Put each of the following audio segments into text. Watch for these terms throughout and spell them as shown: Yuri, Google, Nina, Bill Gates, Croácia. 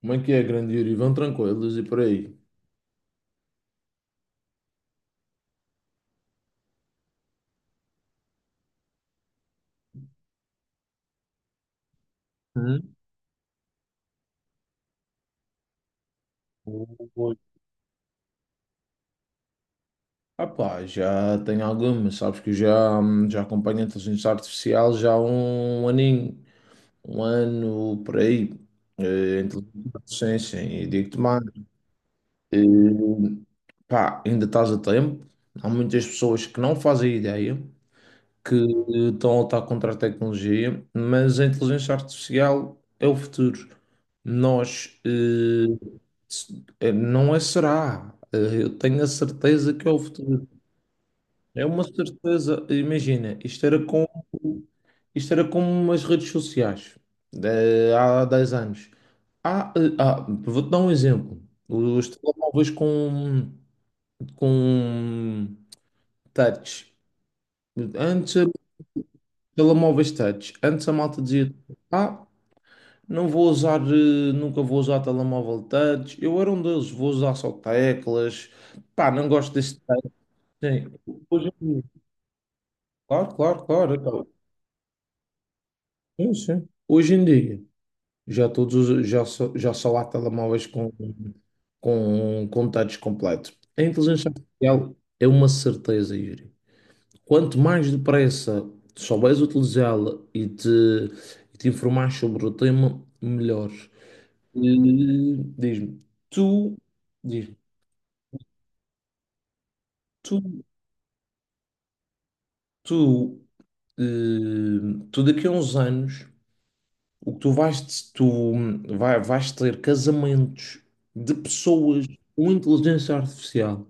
Como é que é, grande Yuri? Vão tranquilos e por aí? Hum? Oi. Ah pá, já tenho algumas, sabes que eu já, já acompanho a inteligência artificial já há um aninho, um ano por aí. Inteligência artificial, e digo-te mais, eh, pá, ainda estás a tempo. Há muitas pessoas que não fazem ideia, que estão a lutar contra a tecnologia, mas a inteligência artificial é o futuro. Nós, não é será. Eu tenho a certeza que é o futuro. É uma certeza. Imagina, isto era como as redes sociais, há 10 anos. Vou-te dar um exemplo. Os telemóveis com touch. Antes telemóveis touch. Antes a malta dizia: Ah, não vou usar, nunca vou usar telemóvel touch. Eu era um deles, vou usar só teclas. Pá, não gosto desse touch. Sim. Hoje em dia, claro, claro, claro, então, sim, sim. Hoje em dia, já só há telemóveis com touch completo. A inteligência artificial é uma certeza, Yuri. Quanto mais depressa souberes utilizá-la e te informares sobre o tema, melhor. Eh, Diz-me, tu, diz-me, tu, tu, tu daqui a uns anos, o que tu vais, tu vai, vais ter casamentos de pessoas com inteligência artificial.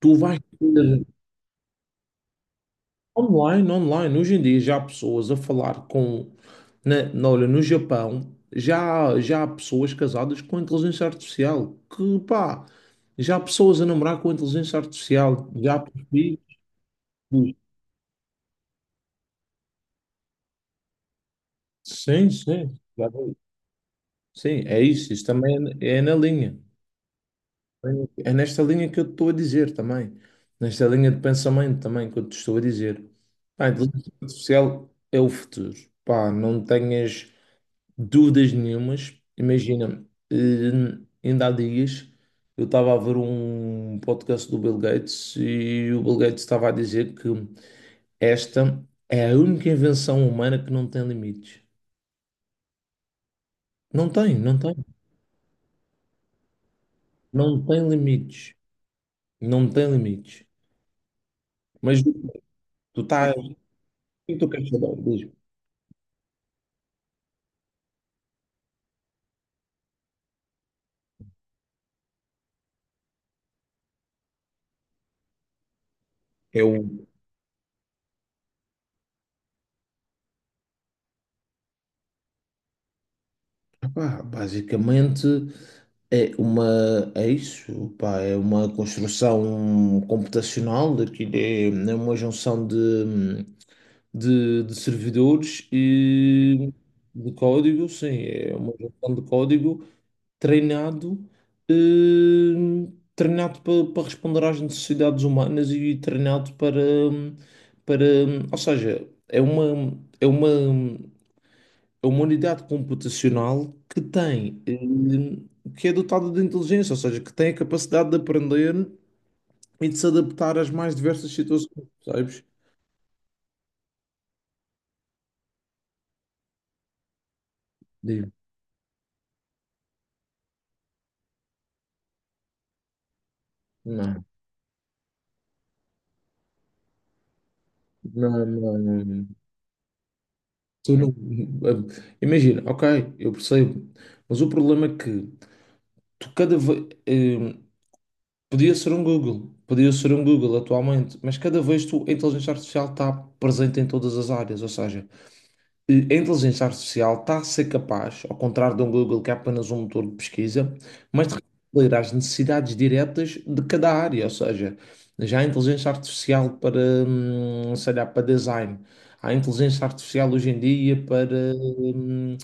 Tu vais ter online, hoje em dia já há pessoas a falar olha, no Japão, já há pessoas casadas com inteligência artificial. Que pá, já há pessoas a namorar com inteligência artificial, já há perfis. Sim, sim. Claro. Sim, é isso. Isso também é, é na linha. É nesta linha que eu te estou a dizer também. Nesta linha de pensamento também que eu te estou a dizer. Pá, a inteligência artificial é o futuro. Pá, não tenhas dúvidas nenhumas. Imagina, eh, ainda há dias eu estava a ver um podcast do Bill Gates e o Bill Gates estava a dizer que esta é a única invenção humana que não tem limites. Não tem, não tem. Não tem limites. Não tem limite. Mas tu estás. O que tu queres saber? Diz-me. Eu, pá, basicamente é uma. É isso, pá, é uma construção computacional, daquilo é, é uma junção de servidores e de código, sim, é uma junção de código. Treinado, treinado para, para responder às necessidades humanas e treinado ou seja, é uma, é uma unidade computacional que tem, que é dotada de inteligência, ou seja, que tem a capacidade de aprender e de se adaptar às mais diversas situações, sabes? Digo, não, não, não, não, não. Tu não- Imagina, ok, eu percebo, mas o problema é que tu cada vez. Podia ser um Google, podia ser um Google atualmente, mas cada vez tu, a inteligência artificial está presente em todas as áreas, ou seja, a inteligência artificial está a ser capaz, ao contrário de um Google que é apenas um motor de pesquisa, mas de responder às necessidades diretas de cada área, ou seja, já a inteligência artificial para, sei lá, para design, há a inteligência artificial hoje em dia para, hum,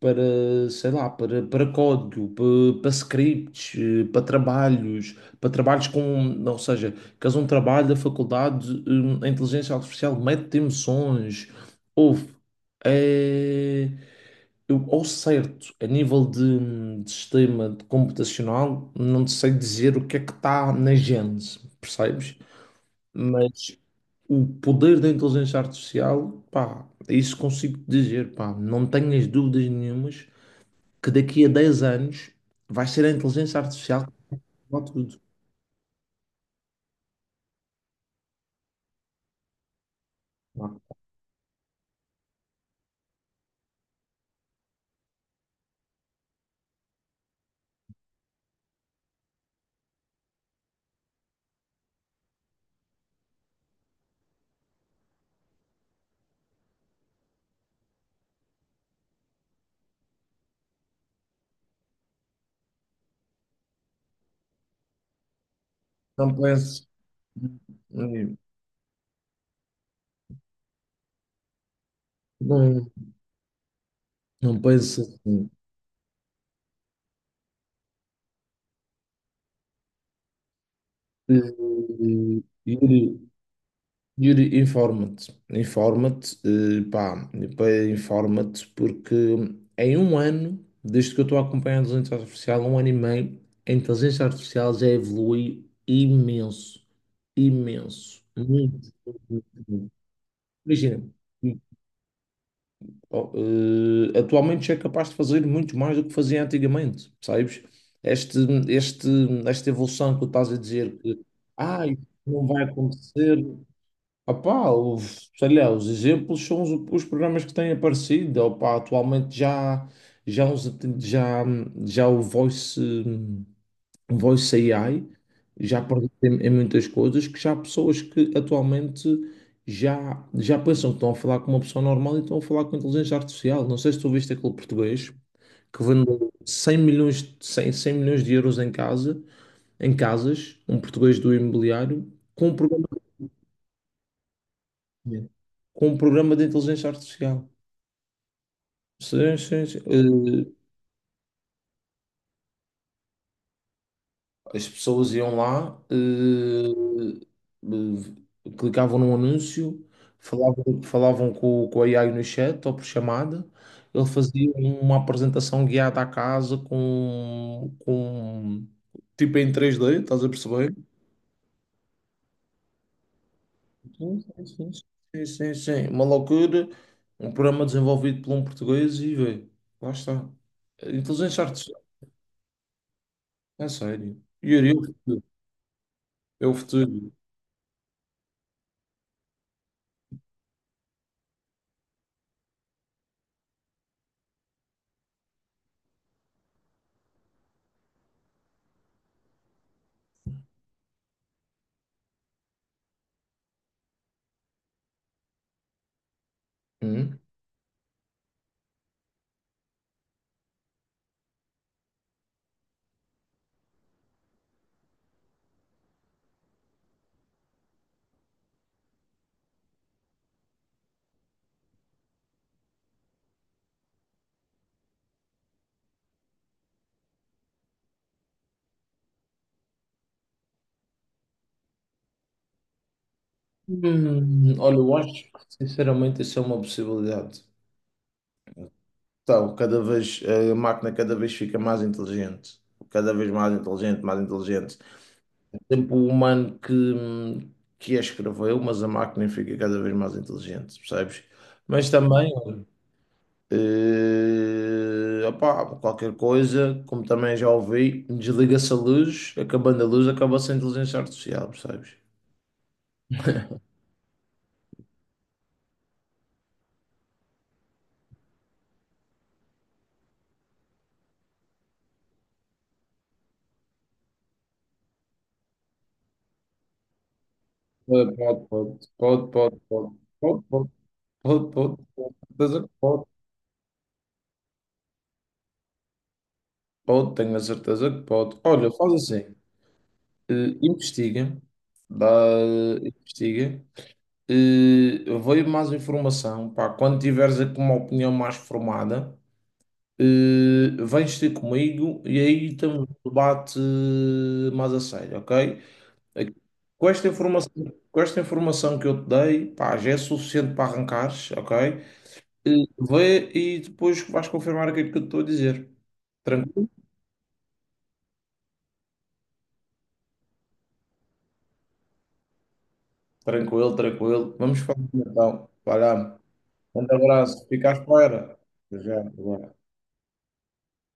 para, sei lá, para, para código, para, para scripts, para trabalhos com, ou seja, que um trabalho da faculdade, a inteligência artificial mete emoções, houve, é, eu, ao certo, a nível de sistema de computacional, não te sei dizer o que é que está na gênese, percebes? Mas o poder da inteligência artificial, pá, isso consigo dizer, pá, não tenho as dúvidas nenhumas que daqui a 10 anos vai ser a inteligência artificial que vai tudo. Não, não penso, hum, não, não penso assim. Eh, Yuri, informa-te, informa-te, porque em um ano, desde que eu estou a acompanhar a inteligência artificial, um ano e meio, a inteligência artificial já evolui imenso, imenso, muito, muito, muito. Imagina. Oh, atualmente já é capaz de fazer muito mais do que fazia antigamente, sabes? Este, este, esta evolução que tu estás a dizer que ah, isso não vai acontecer. Sei lá, os exemplos são os programas que têm aparecido. Opá, atualmente já, uns- já, já o Voice um Voice AI já perdeu em muitas coisas que já há pessoas que atualmente já pensam que estão a falar com uma pessoa normal e estão a falar com inteligência artificial. Não sei se tu viste aquele português que vendeu 100 100 milhões de euros em casas, um português do imobiliário, com um programa de inteligência artificial. Sim, sim, sim. Eh, as pessoas iam lá, clicavam num anúncio, falavam com a AI no chat ou por chamada. Ele fazia uma apresentação guiada à casa com tipo em três d, estás a perceber? Sim, sim, sim. Sim, sim, sim. Uma loucura. Um programa desenvolvido por um português e vê, lá está. Inteligência artificial, é sério. Yuri, é o futuro. É o futuro. Olha, eu acho que sinceramente isso é uma possibilidade. Então, cada vez a máquina cada vez fica mais inteligente, cada vez mais inteligente, mais inteligente. Tempo o humano que a escreveu, mas a máquina fica cada vez mais inteligente, percebes? Mas também, olha, opá, qualquer coisa, como também já ouvi, desliga-se a luz, acabando a luz, acaba-se a inteligência artificial, percebes? Pode, pode, pode, pode, pode, pode, pode. Pode, pode, pode, certeza que pode, pode, tenho a certeza que pode. Olha, faz assim, eh, investiga, dá, investiga, veio mais informação, pá, quando tiveres aqui uma opinião mais formada, eh, vens ter comigo e aí temos um debate mais a sério, ok? Aqui- Com esta informação, com esta informação que eu te dei, pá, já é suficiente para arrancares, ok? Eh, vê e depois vais confirmar aquilo que eu te estou a dizer. Tranquilo? Tranquilo, tranquilo. Vamos falar então. Valeu. Um abraço. Fica à espera. Já, já.